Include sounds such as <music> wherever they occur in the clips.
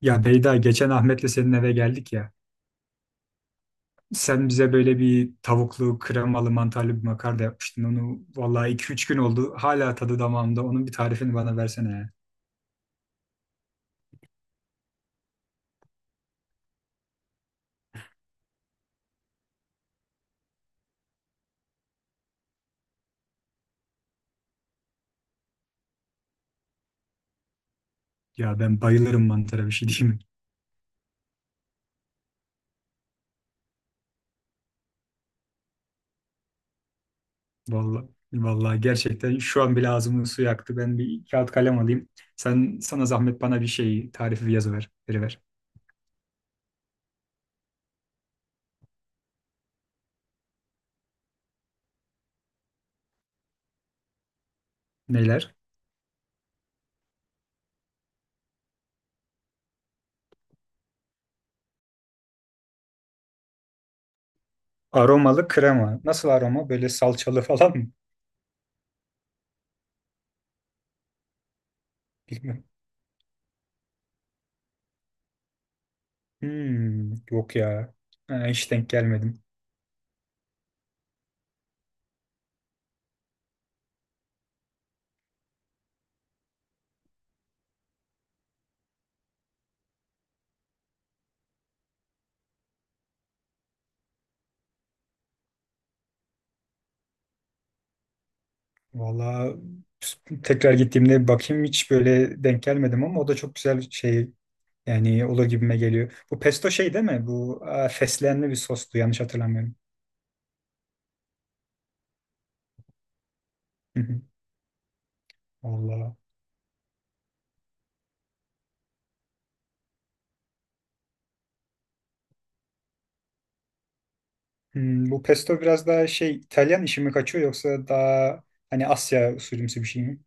Ya Beyda, geçen Ahmet'le senin eve geldik ya. Sen bize böyle bir tavuklu, kremalı, mantarlı bir makarna yapmıştın. Onu vallahi iki üç gün oldu. Hala tadı damağımda. Onun bir tarifini bana versene ya. Ya ben bayılırım mantara, bir şey diyeyim mi? Vallahi, vallahi, gerçekten şu an bile ağzımın suyu aktı. Ben bir kağıt kalem alayım. Sana zahmet, bana bir şey tarifi veriver. Neler? Aromalı krema. Nasıl aroma? Böyle salçalı falan mı? Bilmiyorum. Hmm, yok ya. Ha, hiç denk gelmedim. Valla, tekrar gittiğimde bir bakayım, hiç böyle denk gelmedim ama o da çok güzel bir şey, yani olur gibime geliyor. Bu pesto şey değil mi? Bu, aa, fesleğenli bir sostu, yanlış hatırlamıyorum. Hı hı. Valla. Hmm, bu pesto biraz daha şey, İtalyan işi mi kaçıyor yoksa daha hani Asya usulümsü bir şey mi?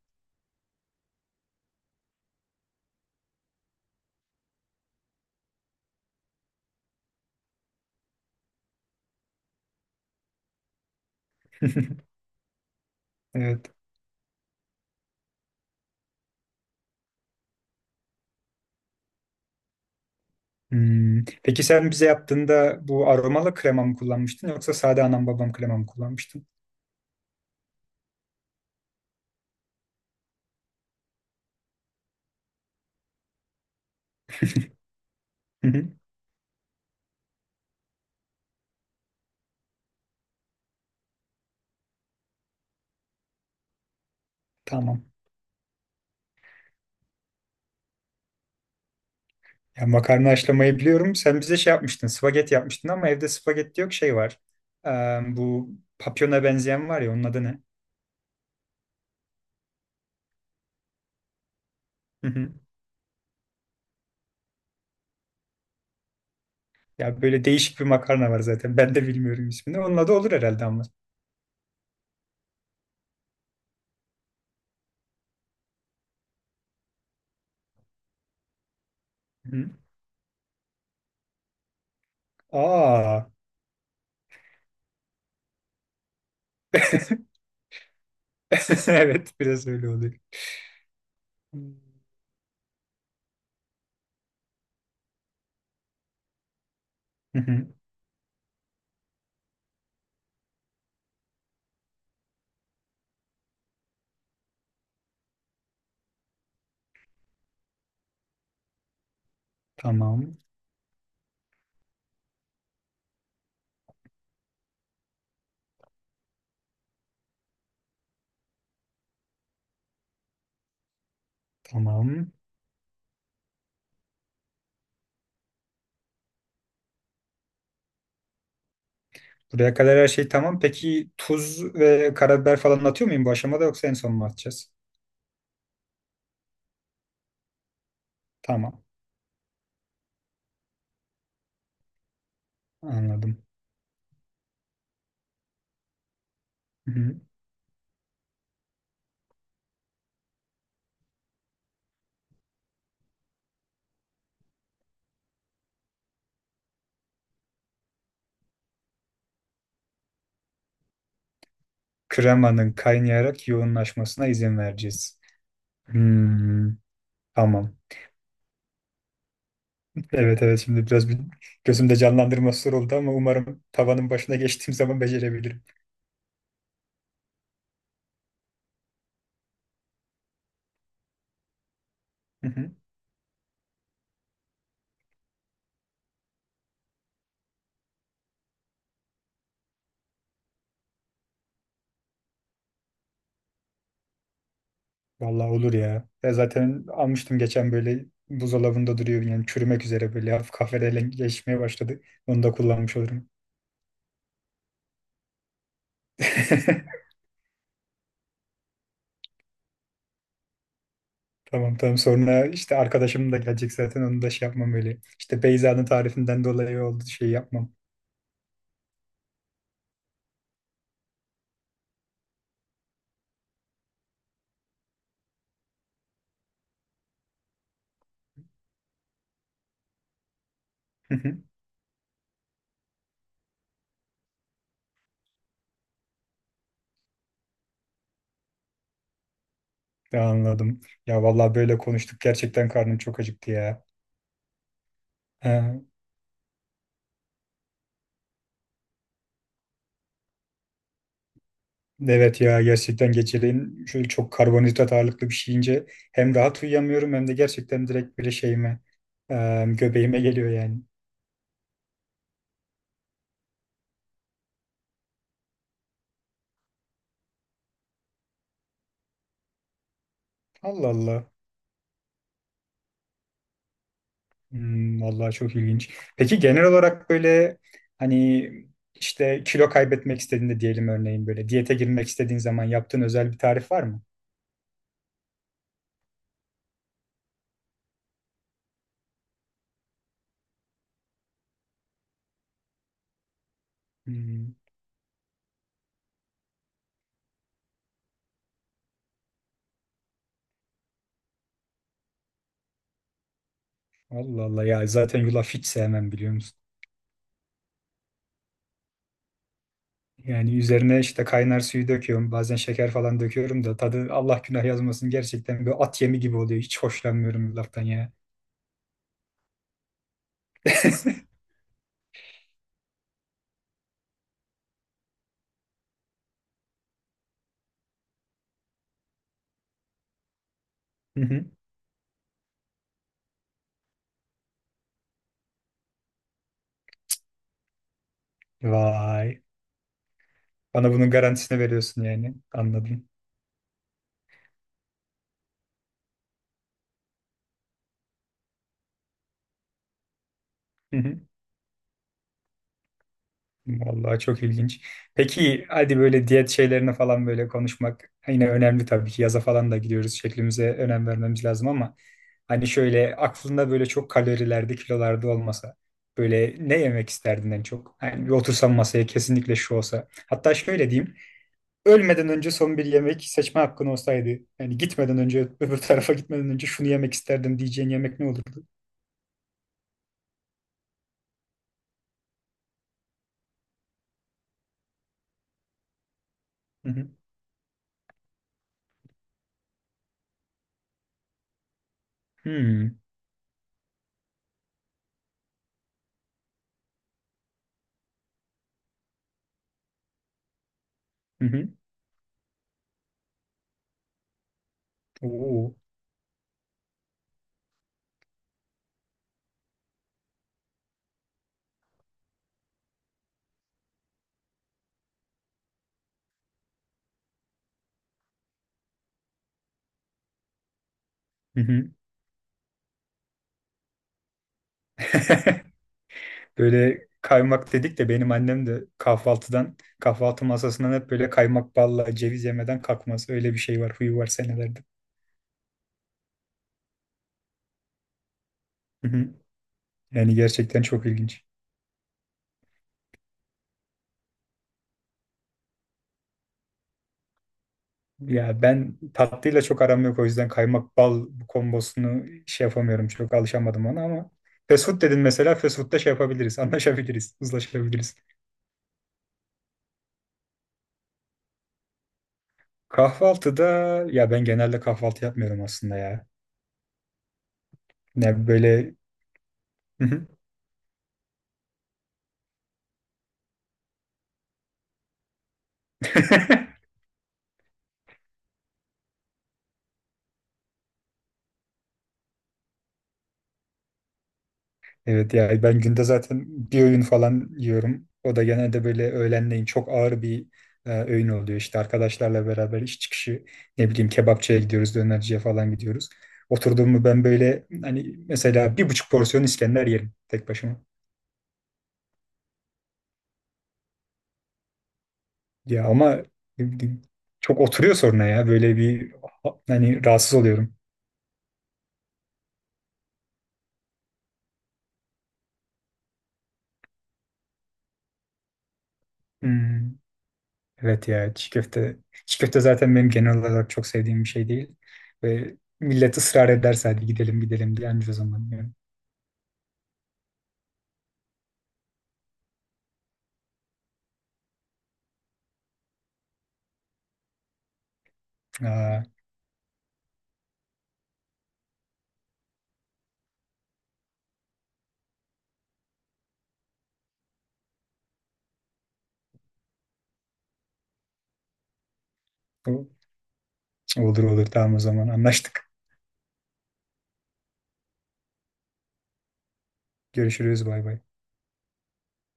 <laughs> Evet. Hmm. Peki sen bize yaptığında bu aromalı krema mı kullanmıştın yoksa sade anam babam krema mı kullanmıştın? Hı hı. Tamam. Ya makarna haşlamayı biliyorum. Sen bize şey yapmıştın, spagetti yapmıştın ama evde spagetti yok, şey var. Ee, bu papyona benzeyen var ya, onun adı ne? Hı hı. Ya böyle değişik bir makarna var zaten. Ben de bilmiyorum ismini. Onun adı olur herhalde ama. Hı hı. Aa. <laughs> Evet, biraz öyle oluyor. Hı hı. Tamam, tamam. Buraya kadar her şey tamam. Peki tuz ve karabiber falan atıyor muyum bu aşamada, yoksa en son mu atacağız? Tamam, anladım. Hı hı. Kremanın kaynayarak yoğunlaşmasına izin vereceğiz. Hmm, tamam. Evet, evet, şimdi biraz bir gözümde canlandırma soru oldu ama umarım tavanın başına geçtiğim zaman becerebilirim. Hı hı. Vallahi olur ya. Ya zaten almıştım geçen, böyle buzdolabında duruyor yani, çürümek üzere, böyle hafif kahverengileşmeye başladı. Onu da kullanmış olurum. <laughs> Tamam, sonra işte arkadaşım da gelecek zaten, onu da şey yapmam öyle. İşte Beyza'nın tarifinden dolayı oldu şey yapmam. Hı hı. Ya, anladım. Ya vallahi böyle konuştuk, gerçekten karnım çok acıktı ya. Ha, evet ya, gerçekten geceleyin şöyle çok karbonhidrat ağırlıklı bir şey yiyince hem rahat uyuyamıyorum hem de gerçekten direkt böyle şeyime, göbeğime geliyor yani. Allah Allah. Hmm, vallahi çok ilginç. Peki genel olarak böyle hani işte kilo kaybetmek istediğinde, diyelim örneğin böyle diyete girmek istediğin zaman, yaptığın özel bir tarif var mı? Hmm, Allah Allah, ya zaten yulaf hiç sevmem, biliyor musun? Yani üzerine işte kaynar suyu döküyorum. Bazen şeker falan döküyorum da tadı, Allah günah yazmasın, gerçekten böyle at yemi gibi oluyor. Hiç hoşlanmıyorum bu laftan ya. <laughs> Hı hı. Vay. Bana bunun garantisini veriyorsun yani. Anladım. <laughs> Vallahi çok ilginç. Peki, hadi böyle diyet şeylerine falan, böyle konuşmak yine önemli tabii ki. Yaza falan da gidiyoruz, şeklimize önem vermemiz lazım ama hani şöyle aklında böyle çok kalorilerde, kilolarda olmasa, böyle ne yemek isterdin en çok? Hani bir otursam masaya, kesinlikle şu olsa. Hatta şöyle diyeyim: ölmeden önce son bir yemek seçme hakkın olsaydı, yani gitmeden önce, öbür tarafa gitmeden önce, şunu yemek isterdim diyeceğin yemek ne olurdu? Hı hı. Hmm. Hı hı. Oo. Hı hı. <laughs> Böyle kaymak dedik de, benim annem de kahvaltıdan, kahvaltı masasından hep böyle kaymak balla ceviz yemeden kalkmaz. Öyle bir şey var, huyu var senelerde. Hı hı. Yani gerçekten çok ilginç. Ya ben tatlıyla çok aram yok, o yüzden kaymak bal kombosunu şey yapamıyorum, çok alışamadım ona, ama fast food dedin mesela, fast food'da şey yapabiliriz, <laughs> anlaşabiliriz, uzlaşabiliriz. Kahvaltıda, ya ben genelde kahvaltı yapmıyorum aslında ya. Ne böyle... Hı hı. <laughs> Evet ya, ben günde zaten bir öğün falan yiyorum. O da genelde böyle öğlenleyin çok ağır bir, öğün oluyor. İşte arkadaşlarla beraber iş çıkışı, ne bileyim, kebapçıya gidiyoruz, dönerciye falan gidiyoruz. Oturduğumu, ben böyle hani, mesela 1,5 porsiyon İskender yerim tek başıma. Ya ama çok oturuyor sonra ya, böyle bir hani rahatsız oluyorum. Hmm. Evet ya, çiğ köfte. Çiğ köfte zaten benim genel olarak çok sevdiğim bir şey değil. Ve millet ısrar ederse, hadi gidelim gidelim diye, anca o zaman diyorum. Aa, bu- olur olur, tamam, o zaman anlaştık. Görüşürüz, bay bay.